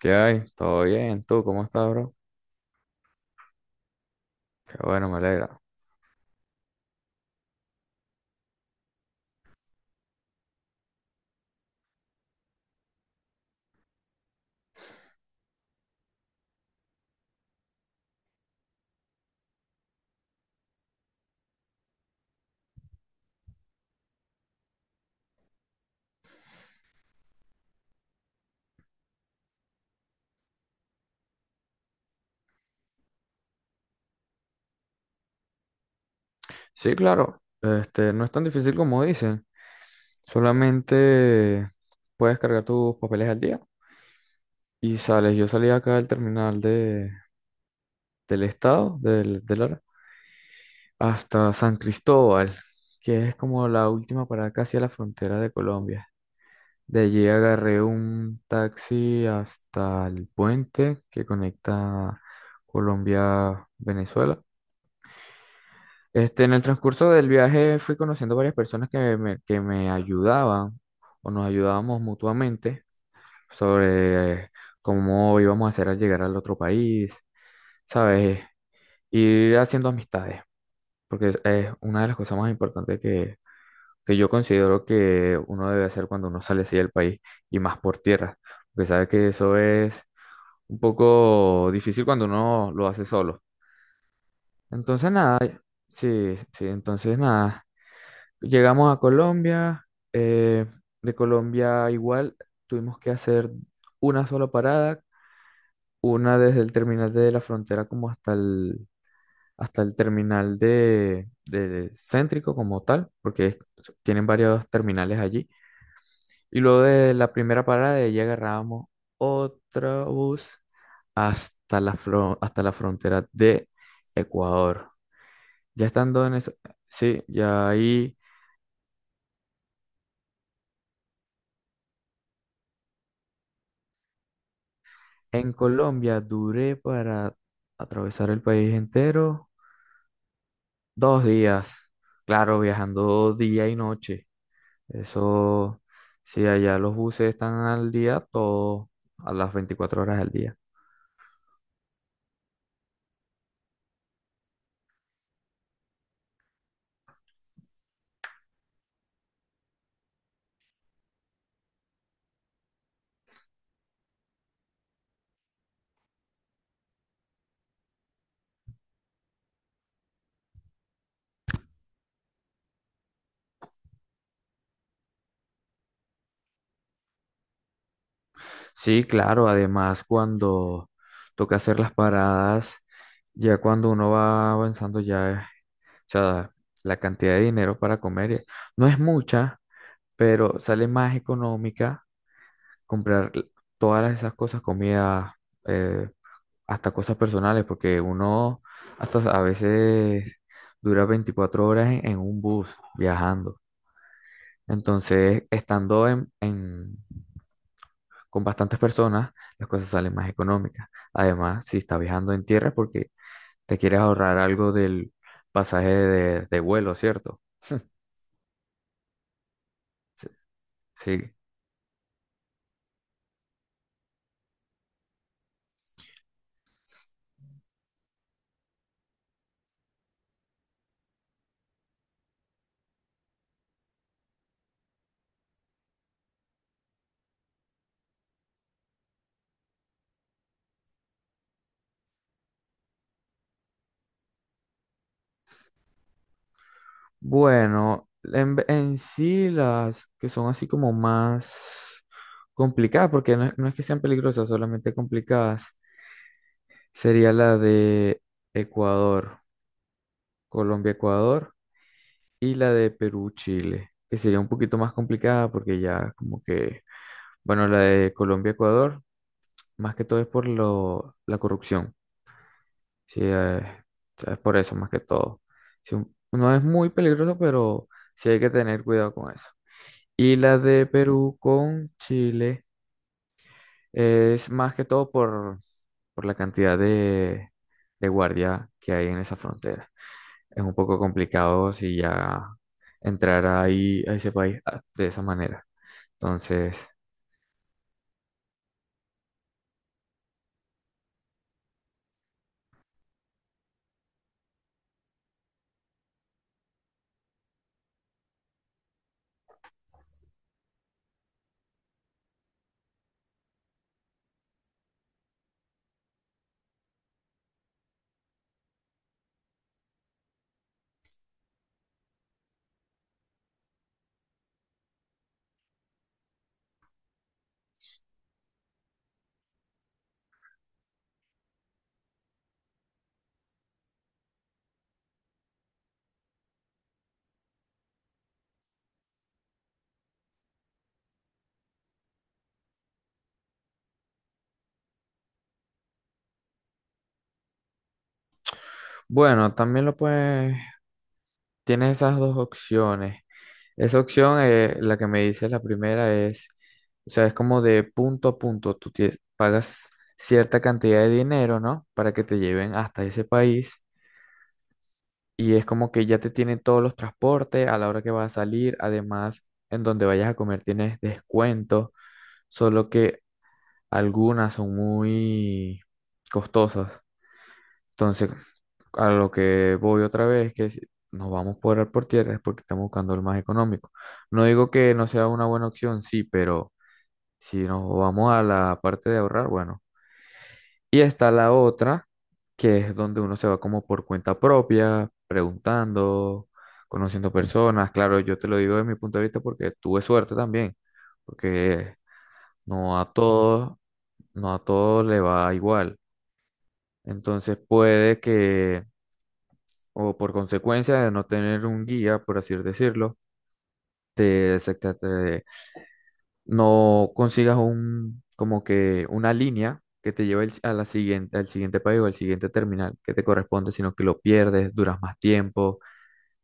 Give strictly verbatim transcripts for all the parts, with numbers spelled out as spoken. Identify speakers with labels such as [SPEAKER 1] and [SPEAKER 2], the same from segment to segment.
[SPEAKER 1] ¿Qué hay? ¿Todo bien? ¿Tú cómo estás, bro? Qué bueno, me alegra. Sí, claro. Este, no es tan difícil como dicen. Solamente puedes cargar tus papeles al día y sales. Yo salí acá del terminal de, del estado, del, del Lara, hasta San Cristóbal, que es como la última parada casi a la frontera de Colombia. De allí agarré un taxi hasta el puente que conecta Colombia-Venezuela. Este, en el transcurso del viaje fui conociendo varias personas que me, que me ayudaban o nos ayudábamos mutuamente sobre cómo íbamos a hacer al llegar al otro país, ¿sabes? Ir haciendo amistades, porque es, es una de las cosas más importantes que, que yo considero que uno debe hacer cuando uno sale así del país y más por tierra, porque sabe que eso es un poco difícil cuando uno lo hace solo. Entonces, nada, sí, sí, entonces nada. Llegamos a Colombia, eh, de Colombia igual tuvimos que hacer una sola parada, una desde el terminal de la frontera como hasta el, hasta el terminal de, de céntrico como tal, porque es- tienen varios terminales allí. Y luego de la primera parada de allí agarrábamos otro bus hasta la, fron- hasta la frontera de Ecuador. Ya estando en eso, sí, ya ahí... En Colombia duré para atravesar el país entero dos días. Claro, viajando día y noche. Eso, si allá los buses están al día, todo a las veinticuatro horas del día. Sí, claro, además cuando toca hacer las paradas, ya cuando uno va avanzando, ya, eh, o sea, la cantidad de dinero para comer eh, no es mucha, pero sale más económica comprar todas esas cosas, comida, eh, hasta cosas personales, porque uno hasta a veces dura veinticuatro horas en, en un bus viajando. Entonces, estando en, en- con bastantes personas, las cosas salen más económicas. Además, si está viajando en tierra es porque te quieres ahorrar algo del pasaje de, de vuelo, ¿cierto? Sí. Sí. Bueno, en, ve- en sí las que son así como más complicadas, porque no, es no es que sean peligrosas, solamente complicadas, sería la de Ecuador, Colombia, Ecuador, y la de Perú, Chile, que sería un poquito más complicada porque ya como que, bueno, la de Colombia, Ecuador, más que todo es por lo, la corrupción, sí, eh, o sea, es por eso más que todo. Sí, un- no es muy peligroso, pero sí hay que tener cuidado con eso. Y la de Perú con Chile es más que todo por, por la cantidad de, de guardia que hay en esa frontera. Es un poco complicado si ya entrar ahí a ese país ah, de esa manera. Entonces, bueno, también lo puedes, tienes esas dos opciones. Esa opción, eh, la que me dices la primera es, o sea, es como de punto a punto, tú tie- pagas cierta cantidad de dinero, ¿no? Para que te lleven hasta ese país. Y es como que ya te tienen todos los transportes a la hora que vas a salir. Además, en donde vayas a comer tienes descuentos, solo que algunas son muy costosas. Entonces, a lo que voy otra vez, que si nos vamos por el por tierra es porque estamos buscando el más económico. No digo que no sea una buena opción, sí, pero si nos vamos a la parte de ahorrar, bueno. Y está la otra, que es donde uno se va como por cuenta propia, preguntando, conociendo personas. Claro, yo te lo digo desde mi punto de vista porque tuve suerte también, porque no a todos, no a todos le va igual. Entonces puede que, o por consecuencia de no tener un guía, por así decirlo, te, descarta- no consigas un, como que una línea que te lleve al- a la siguiente, al siguiente país o al siguiente terminal que te corresponde, sino que lo pierdes, duras más tiempo,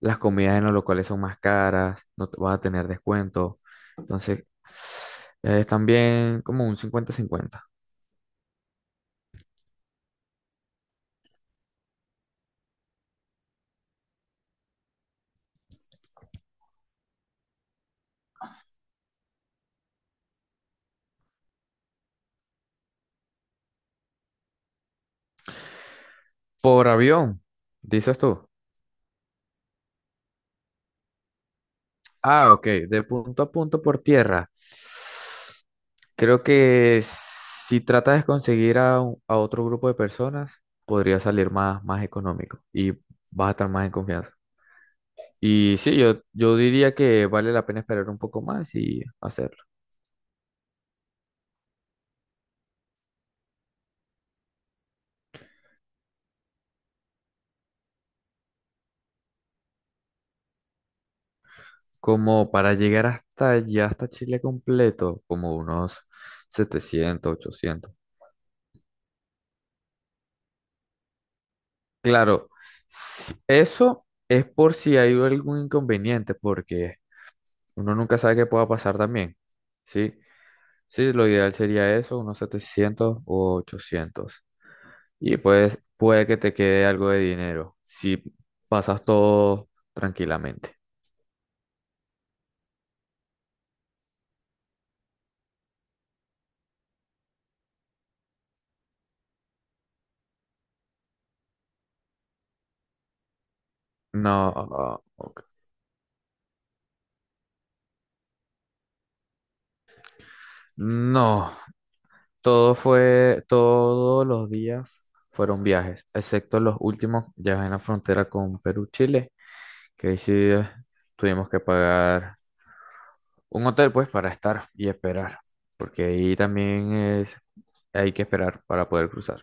[SPEAKER 1] las comidas en los locales son más caras, no te vas a tener descuento. Entonces, es también como un cincuenta cincuenta. Por avión, dices tú. Ah, ok, de punto a punto por tierra. Creo que si tratas de conseguir a, un- a otro grupo de personas, podría salir más, más económico y vas a estar más en confianza. Y sí, yo, yo diría que vale la pena esperar un poco más y hacerlo. Como para llegar hasta allá, hasta Chile completo, como unos setecientos ochocientos. Claro, s- eso es por si hay algún inconveniente, porque uno nunca sabe qué pueda pasar también. Sí, sí, lo ideal sería eso, unos setecientos o ochocientos. Y pues puede que te quede algo de dinero si pasas todo tranquilamente. No, ah, ok. No, todo fue, todos los días fueron viajes, excepto los últimos, ya en la frontera con Perú-Chile. Que ahí sí eh, tuvimos que pagar un hotel pues para estar y esperar, porque ahí también es, hay que esperar para poder cruzar.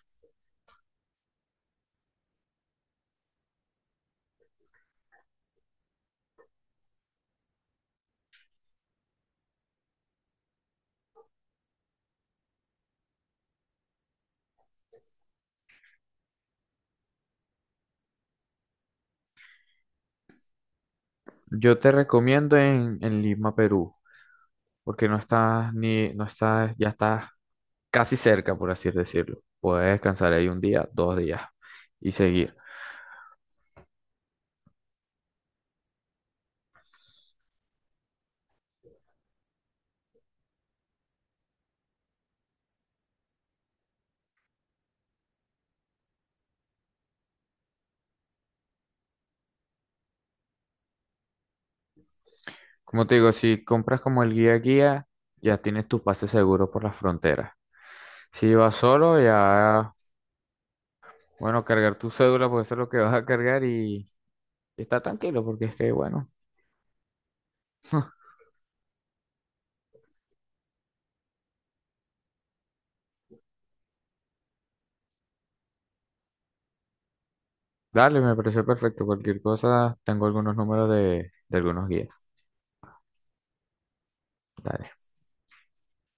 [SPEAKER 1] Yo te recomiendo en, en Lima, Perú, porque no estás ni, no estás, ya estás casi cerca, por así decirlo. Puedes descansar ahí un día, dos días y seguir. Como te digo, si compras como el guía guía, ya tienes tu pase seguro por las fronteras. Si vas solo, ya bueno, cargar tu cédula, pues eso es lo que vas a cargar y, y está tranquilo, porque es que, bueno, dale, me pareció perfecto. Cualquier cosa, tengo algunos números de, de algunos guías. Dale.